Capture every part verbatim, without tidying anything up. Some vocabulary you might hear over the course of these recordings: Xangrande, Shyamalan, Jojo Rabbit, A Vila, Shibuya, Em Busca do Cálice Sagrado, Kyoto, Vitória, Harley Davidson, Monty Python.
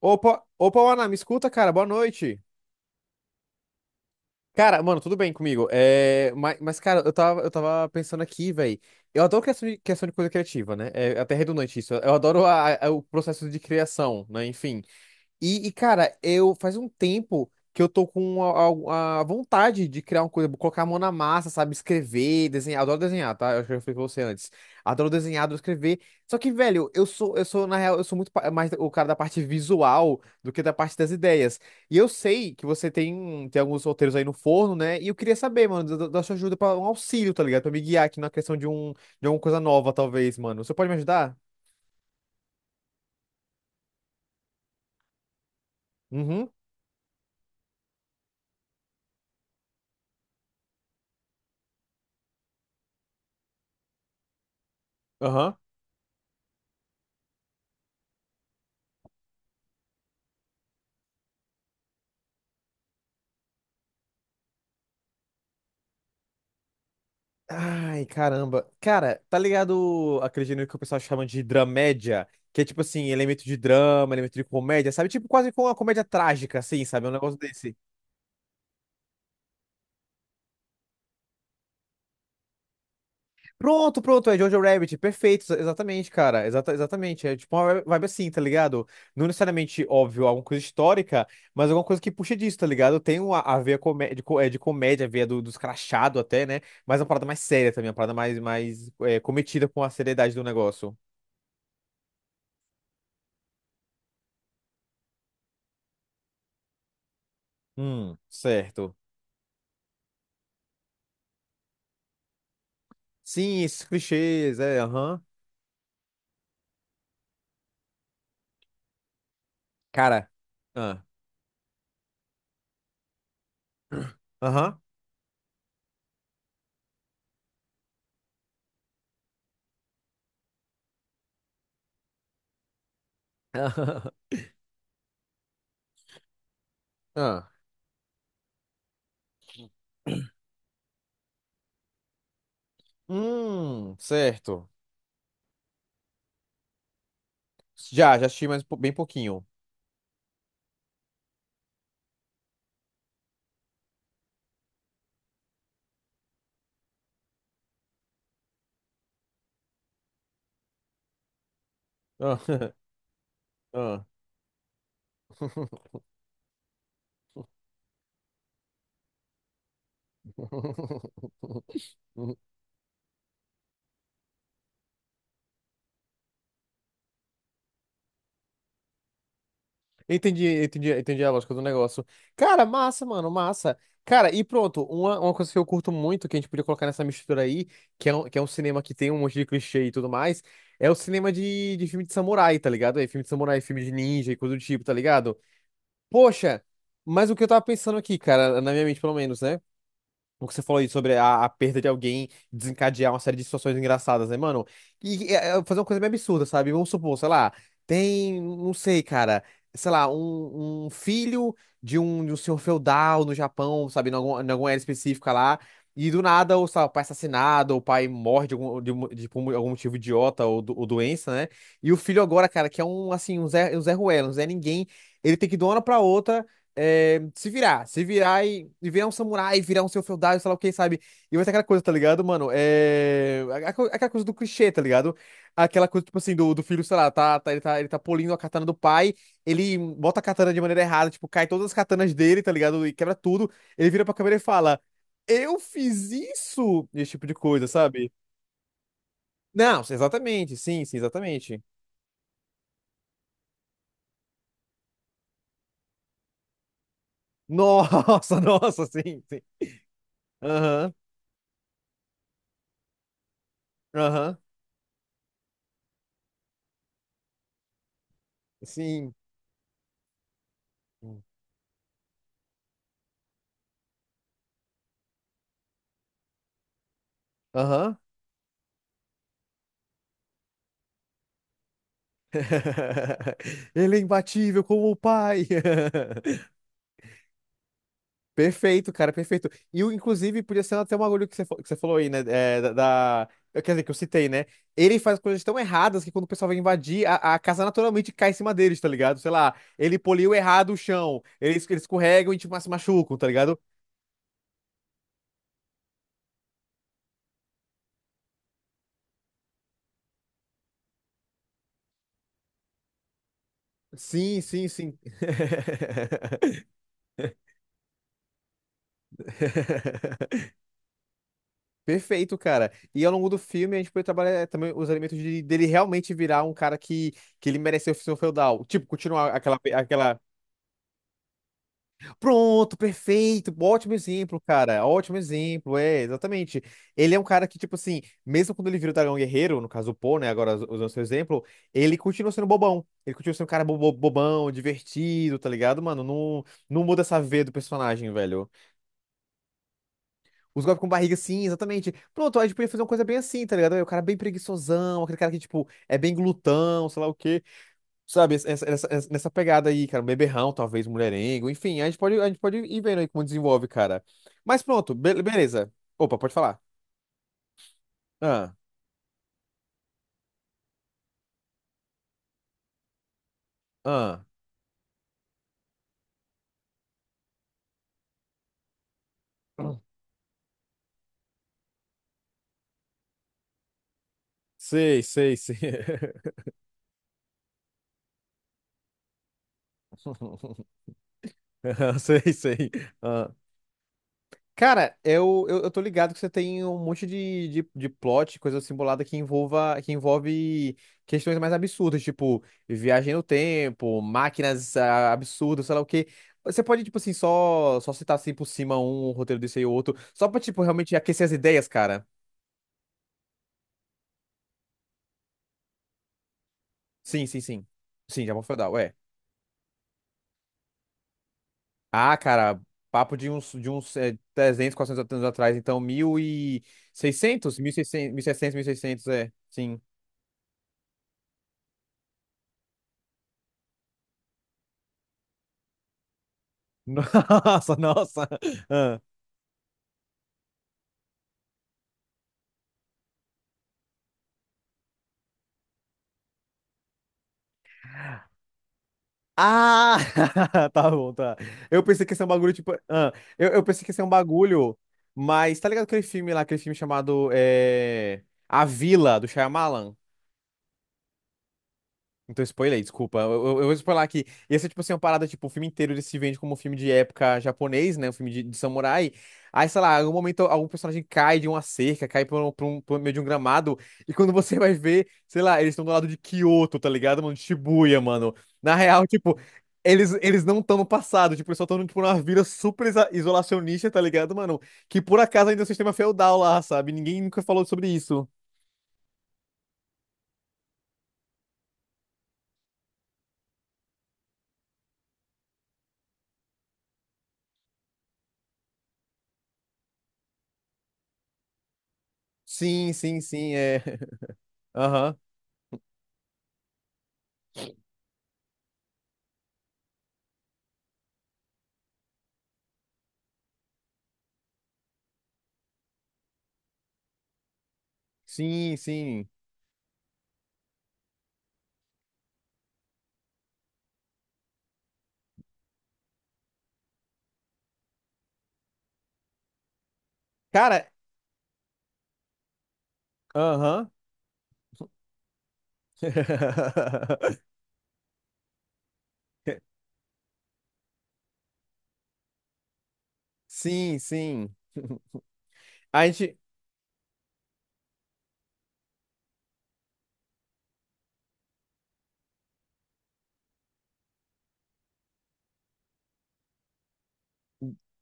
Opa, opa, Ana, me escuta, cara, boa noite. Cara, mano, tudo bem comigo? É, mas, mas, cara, eu tava, eu tava pensando aqui, velho. Eu adoro questão de, questão de coisa criativa, né? É é até redundante isso. Eu adoro a- a- o processo de criação, né? Enfim. E, e, cara, eu faz um tempo que eu tô com a, a- a vontade de criar uma coisa, colocar a mão na massa, sabe? Escrever, desenhar. Adoro desenhar, tá? Eu acho que eu falei pra você antes. Adoro desenhar, adoro escrever. Só que, velho, eu sou, eu sou, na real, eu sou muito pa- mais o cara da parte visual do que da parte das ideias. E eu sei que você tem, tem alguns roteiros aí no forno, né? E eu queria saber, mano, da, da da sua ajuda pra um auxílio, tá ligado? Pra me guiar aqui na questão de um, de alguma coisa nova, talvez, mano. Você pode me ajudar? Uhum. Aham. Ai, caramba. Cara, tá ligado aquele gênero que o pessoal chama de dramédia? Que é tipo assim, elemento de drama, elemento de comédia, sabe? Tipo quase com uma comédia trágica, assim, sabe? Um negócio desse. Pronto, pronto, é Jojo Rabbit. Perfeito, exa- exatamente, cara. Exata, exatamente. É tipo uma vibe assim, tá ligado? Não necessariamente, óbvio, alguma coisa histórica, mas alguma coisa que puxa disso, tá ligado? Tem uma, a veia comé- de, co- é, de comédia, a veia do, dos crachados até, né? Mas é uma parada mais séria também, uma parada mais, mais é, cometida com a seriedade do negócio. Hum, certo. Sim, esses clichês, é, aham. Cara. Ah. Aham. Ah. Hum, certo. Já, já assisti mais um pou- bem pouquinho. Ah, ah. Entendi, entendi, entendi a lógica do negócio. Cara, massa, mano, massa. Cara, e pronto, uma, uma coisa que eu curto muito, que a gente podia colocar nessa mistura aí, que é um, que é um cinema que tem um monte de clichê e tudo mais, é o cinema de, de filme de samurai, tá ligado? É filme de samurai, filme de ninja e coisa do tipo, tá ligado? Poxa, mas o que eu tava pensando aqui, cara, na minha mente pelo menos, né? O que você falou aí sobre a, a perda de alguém desencadear uma série de situações engraçadas, né, mano? E, e, é, fazer uma coisa meio absurda, sabe? Vamos supor, sei lá, tem, não sei, cara, sei lá, um, um filho de um, de um senhor feudal no Japão, sabe? Em alguma, em alguma área específica lá. E do nada, ou, sei lá, o pai é assassinado, ou o pai morre de algum, de, um- de- por algum motivo idiota ou, do- ou doença, né? E o filho agora, cara, que é um, assim, um Zé, um Zé Ruela, um Zé Ninguém, ele tem que ir de uma hora pra outra, é, se virar, se virar e, e virar um samurai, virar um seu feudal, sei lá o que, sabe? E vai ser aquela coisa, tá ligado, mano? É, a- a co- aquela coisa do clichê, tá ligado? Aquela coisa, tipo assim, do, do filho, sei lá, tá, tá- ele tá, ele tá polindo a katana do pai. Ele bota a katana de maneira errada, tipo, cai todas as katanas dele, tá ligado? E quebra tudo. Ele vira pra câmera e fala: eu fiz isso! Esse tipo de coisa, sabe? Não, exatamente, sim, sim, exatamente. Nossa, nossa, sim, sim. Aham, aham, sim. Aham. Ele é imbatível como o pai. Perfeito, cara, perfeito. E, o- inclusive, podia ser até um bagulho que você, fa- que você falou aí, né? é, da, da- eu- Quer dizer, que eu citei, né? Ele faz coisas tão erradas que, quando o pessoal vai invadir, a, a casa naturalmente cai em cima deles, tá ligado? Sei lá, ele poliu errado o chão, eles, eles escorregam e, tipo, se machucam, tá ligado? Sim, sim, sim. Perfeito, cara. E, ao longo do filme, a gente pode trabalhar, eh, também, os elementos de- dele realmente virar um cara que, que ele mereceu ser um feudal. Tipo, continuar aquela, aquela. Pronto, perfeito. Ótimo exemplo, cara. Ótimo exemplo. É, exatamente. Ele é um cara que, tipo assim, mesmo quando ele vira o Dragão Guerreiro, no caso o Poe, né? Agora, us- usando seu exemplo, ele continua sendo bobão. Ele continua sendo um cara bo- bo- bobão, divertido, tá ligado, mano? Não, não muda essa veia do personagem, velho. Os golpes com barriga, sim, exatamente. Pronto, a gente podia fazer uma coisa bem assim, tá ligado? O cara bem preguiçosão, aquele cara que, tipo, é bem glutão, sei lá o quê. Sabe, essa, essa- essa- nessa pegada aí, cara, um beberrão, talvez, um mulherengo, enfim, a gente pode, a gente pode ir vendo aí como desenvolve, cara. Mas pronto, be- beleza. Opa, pode falar. Ah, ah. Sei, sei, sei. Sei, sei. Ah. Cara, eu, eu, eu tô ligado que você tem um monte de, de, de plot, coisa simulada que envolva, que envolve questões mais absurdas, tipo viagem no tempo, máquinas ah, absurdas, sei lá o quê. Você pode, tipo assim, só, só citar assim por cima um um roteiro desse aí ou outro, só pra, tipo, realmente aquecer as ideias, cara. Sim, sim, sim. Sim, Japão feudal, é. Ah, cara, papo de uns, de uns é, trezentos, quatrocentos anos atrás. Então, mil e seiscentos? mil e seiscentos mil e seiscentos mil e seiscentos? mil e seiscentos, mil e seiscentos, seiscentos, é. Sim. Nossa, nossa. Ah. Ah, tá bom, tá. Eu pensei que ia ser um bagulho, tipo. ah, eu, eu pensei que ia ser um bagulho, mas tá ligado aquele filme lá, aquele filme chamado, é, A Vila, do Shyamalan? Então, spoiler, desculpa. Eu, eu, eu vou spoiler aqui. Ia ser, tipo assim, é uma parada, tipo, o filme inteiro ele se vende como um filme de época japonês, né? Um filme de, de samurai. Aí, sei lá, em algum momento algum personagem cai de uma cerca, cai por, um, por um- por meio de um gramado. E quando você vai ver, sei lá, eles estão do lado de Kyoto, tá ligado, mano? De Shibuya, mano. Na real, tipo, eles, eles não estão no passado. Tipo, eles só estão, tipo, numa vila super isa- isolacionista, tá ligado, mano? Que por acaso ainda é um sistema feudal lá, sabe? Ninguém nunca falou sobre isso. Sim, sim, sim, é. Aham. Sim, sim. Cara, aham. Sim, sim. A gente.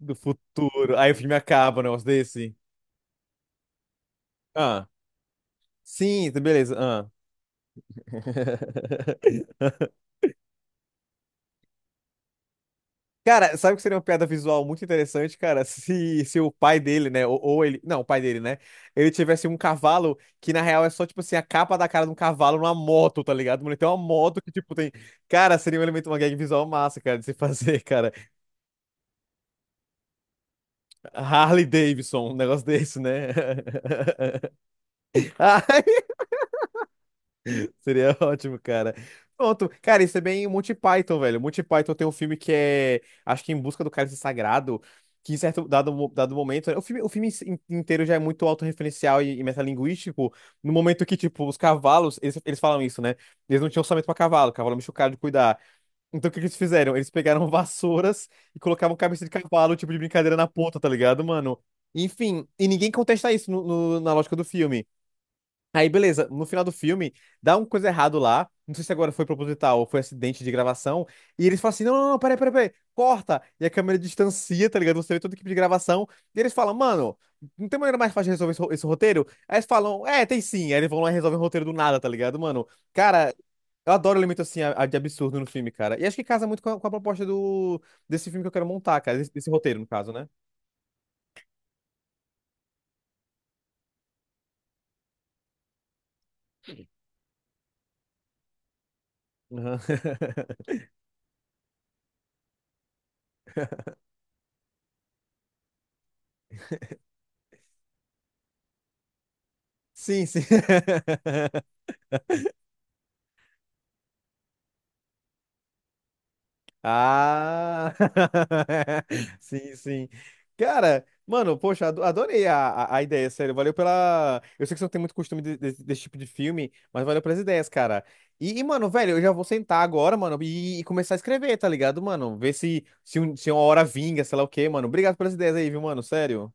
Do futuro. Aí o filme acaba, um negócio desse. Ah, sim, tá- beleza. Ah. Cara, sabe o que seria uma piada visual muito interessante, cara? Se, se o pai dele, né? Ou, ou ele. Não, o pai dele, né? Ele tivesse um cavalo que, na real, é só, tipo assim, a capa da cara de um cavalo numa moto, tá ligado? Mano, ele tem uma moto que, tipo, tem. Cara, seria um elemento, uma gag visual massa, cara, de se fazer, cara. Harley Davidson, um negócio desse, né? Ai, seria ótimo, cara. Pronto. Cara, isso é bem Monty Python, velho. Monty Python tem um filme que é, acho que Em Busca do Cálice Sagrado, que em certo dado, mo- dado momento, é, o filme, o filme in- inteiro já é muito autorreferencial e, e metalinguístico, no momento que, tipo, os cavalos, eles, eles falam isso, né? Eles não tinham orçamento pra cavalo, cavalo é meio caro de cuidar. Então, o que que eles fizeram? Eles pegaram vassouras e colocavam cabeça de cavalo, tipo de brincadeira, na ponta, tá ligado, mano? Enfim, e ninguém contesta isso no- no- na lógica do filme. Aí, beleza, no final do filme, dá uma coisa errado lá. Não sei se agora foi proposital ou foi acidente de gravação. E eles falam assim: não, não, não, peraí, peraí, peraí, corta. E a câmera distancia, tá ligado? Você vê toda a equipe de gravação. E eles falam: mano, não tem maneira mais fácil de resolver esse, ro- esse roteiro? Aí eles falam: é, tem sim. Aí eles vão lá e resolvem o roteiro do nada, tá ligado, mano? Cara, eu adoro elemento assim, a- a de absurdo, no filme, cara. E acho que casa muito com a, com a proposta do, desse filme que eu quero montar, cara. Desse, desse roteiro, no caso, né? Aham. Sim, sim. Ah, sim, sim. Cara, mano, poxa, ado- adorei a, a, a ideia, sério. Valeu pela. Eu sei que você não tem muito costume de- de- desse tipo de filme, mas valeu pelas ideias, cara. E, e, mano, velho, eu já vou sentar agora, mano, e, e começar a escrever, tá ligado, mano? Ver se, se, um- se uma hora vinga, sei lá o quê, mano. Obrigado pelas ideias aí, viu, mano? Sério.